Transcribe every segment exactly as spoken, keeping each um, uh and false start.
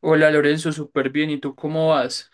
Hola Lorenzo, súper bien. ¿Y tú cómo vas?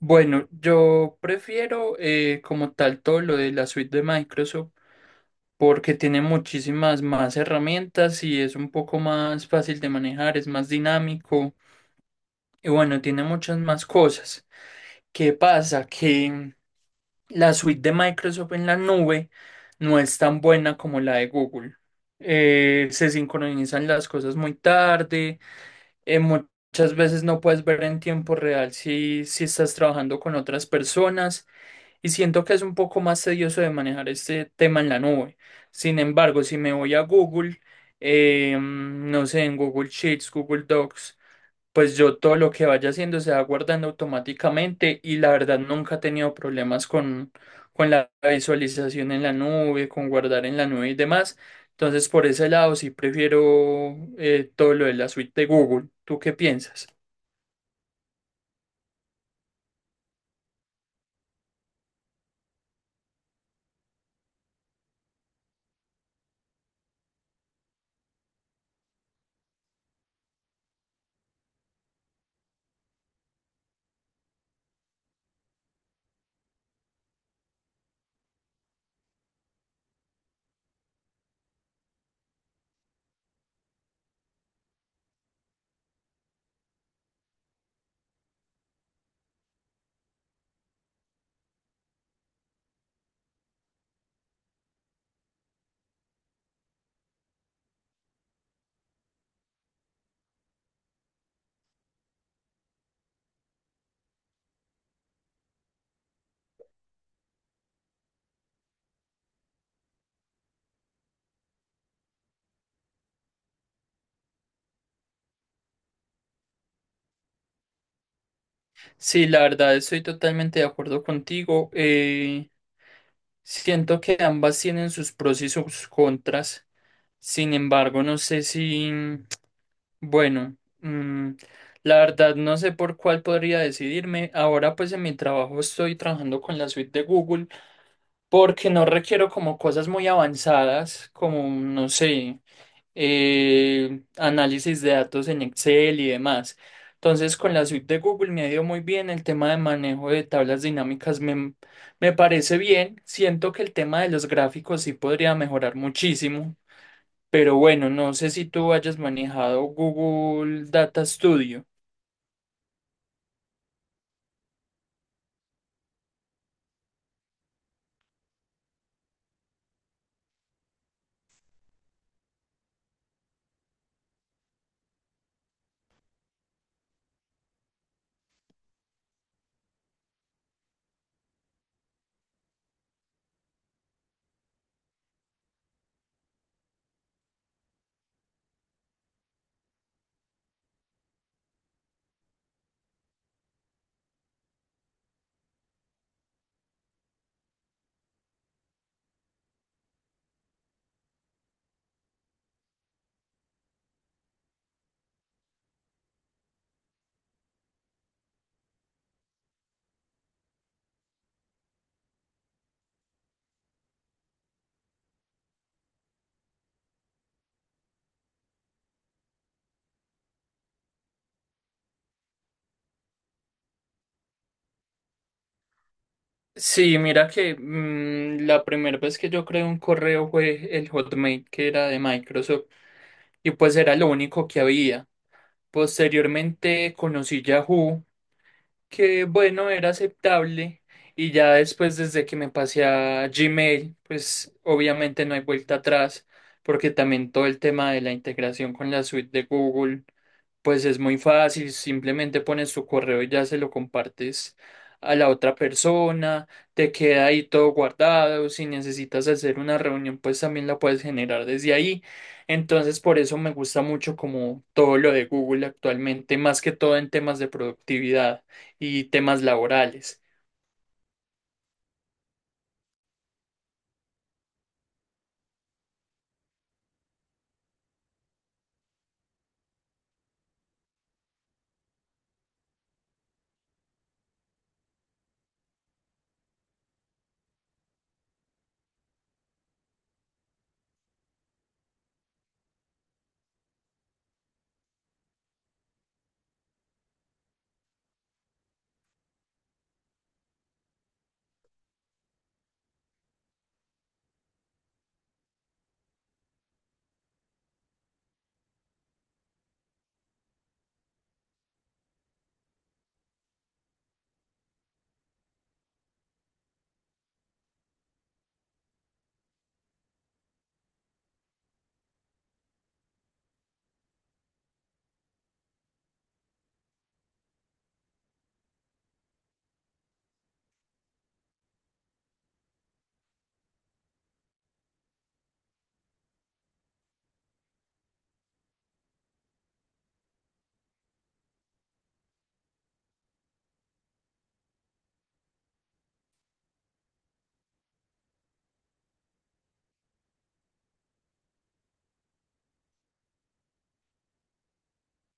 Bueno, yo prefiero eh, como tal todo lo de la suite de Microsoft porque tiene muchísimas más herramientas y es un poco más fácil de manejar, es más dinámico y bueno, tiene muchas más cosas. ¿Qué pasa? Que la suite de Microsoft en la nube no es tan buena como la de Google. Eh, se sincronizan las cosas muy tarde. Eh, muchas veces no puedes ver en tiempo real si, si estás trabajando con otras personas y siento que es un poco más tedioso de manejar este tema en la nube. Sin embargo, si me voy a Google, eh, mm, no sé, en Google Sheets, Google Docs, pues yo todo lo que vaya haciendo se va guardando automáticamente y la verdad nunca he tenido problemas con, con la visualización en la nube, con guardar en la nube y demás. Entonces por ese lado sí prefiero eh, todo lo de la suite de Google. ¿Tú qué piensas? Sí, la verdad estoy totalmente de acuerdo contigo. Eh, siento que ambas tienen sus pros y sus contras. Sin embargo, no sé si... Bueno, mm, la verdad no sé por cuál podría decidirme. Ahora pues en mi trabajo estoy trabajando con la suite de Google porque no requiero como cosas muy avanzadas como, no sé, eh, análisis de datos en Excel y demás. Entonces con la suite de Google me ha ido muy bien. El tema de manejo de tablas dinámicas me, me parece bien. Siento que el tema de los gráficos sí podría mejorar muchísimo, pero bueno, no sé si tú hayas manejado Google Data Studio. Sí, mira que mm, la primera vez que yo creé un correo fue el Hotmail, que era de Microsoft, y pues era lo único que había. Posteriormente conocí Yahoo, que bueno, era aceptable, y ya después desde que me pasé a Gmail, pues obviamente no hay vuelta atrás porque también todo el tema de la integración con la suite de Google, pues es muy fácil, simplemente pones tu correo y ya se lo compartes a la otra persona, te queda ahí todo guardado, si necesitas hacer una reunión, pues también la puedes generar desde ahí. Entonces, por eso me gusta mucho como todo lo de Google actualmente, más que todo en temas de productividad y temas laborales.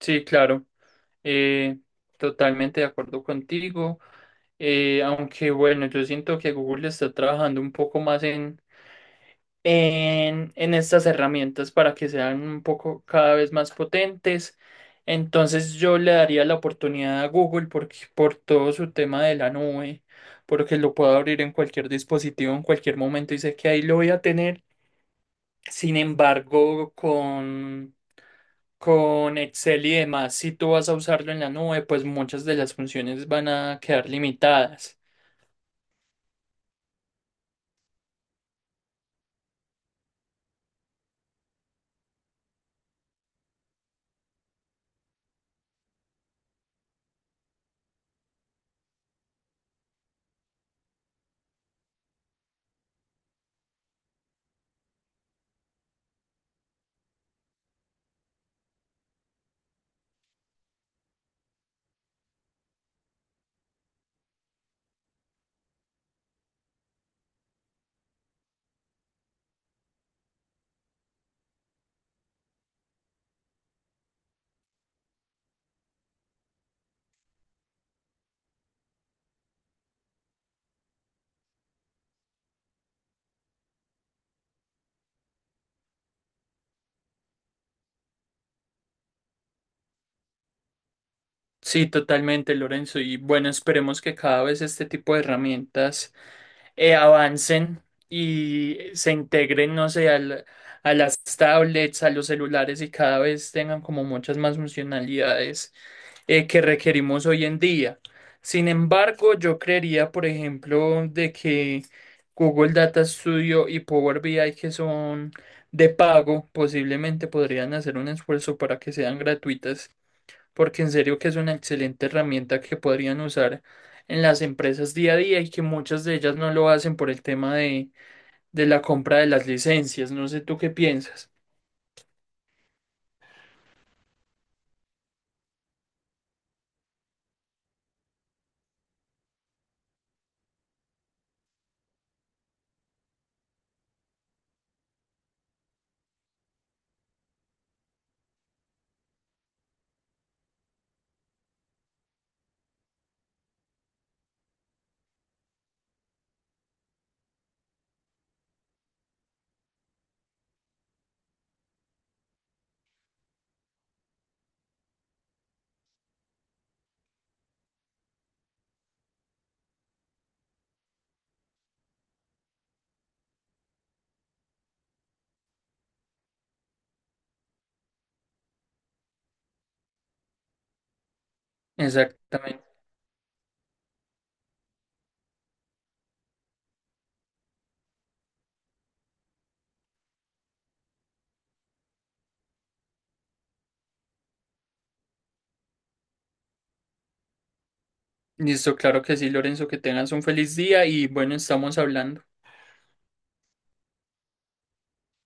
Sí, claro, eh, totalmente de acuerdo contigo. Eh, aunque bueno, yo siento que Google está trabajando un poco más en, en, en estas herramientas para que sean un poco cada vez más potentes. Entonces yo le daría la oportunidad a Google porque, por todo su tema de la nube, porque lo puedo abrir en cualquier dispositivo en cualquier momento y sé que ahí lo voy a tener. Sin embargo, con con Excel y demás, si tú vas a usarlo en la nube, pues muchas de las funciones van a quedar limitadas. Sí, totalmente, Lorenzo. Y bueno, esperemos que cada vez este tipo de herramientas eh, avancen y se integren, no sé, al- a las tablets, a los celulares y cada vez tengan como muchas más funcionalidades eh, que requerimos hoy en día. Sin embargo, yo creería, por ejemplo, de que Google Data Studio y Power B I, que son de pago, posiblemente podrían hacer un esfuerzo para que sean gratuitas porque en serio que es una excelente herramienta que podrían usar en las empresas día a día y que muchas de ellas no lo hacen por el tema de, de la compra de las licencias. No sé tú qué piensas. Exactamente. Listo, claro que sí, Lorenzo, que tengas un feliz día y bueno, estamos hablando.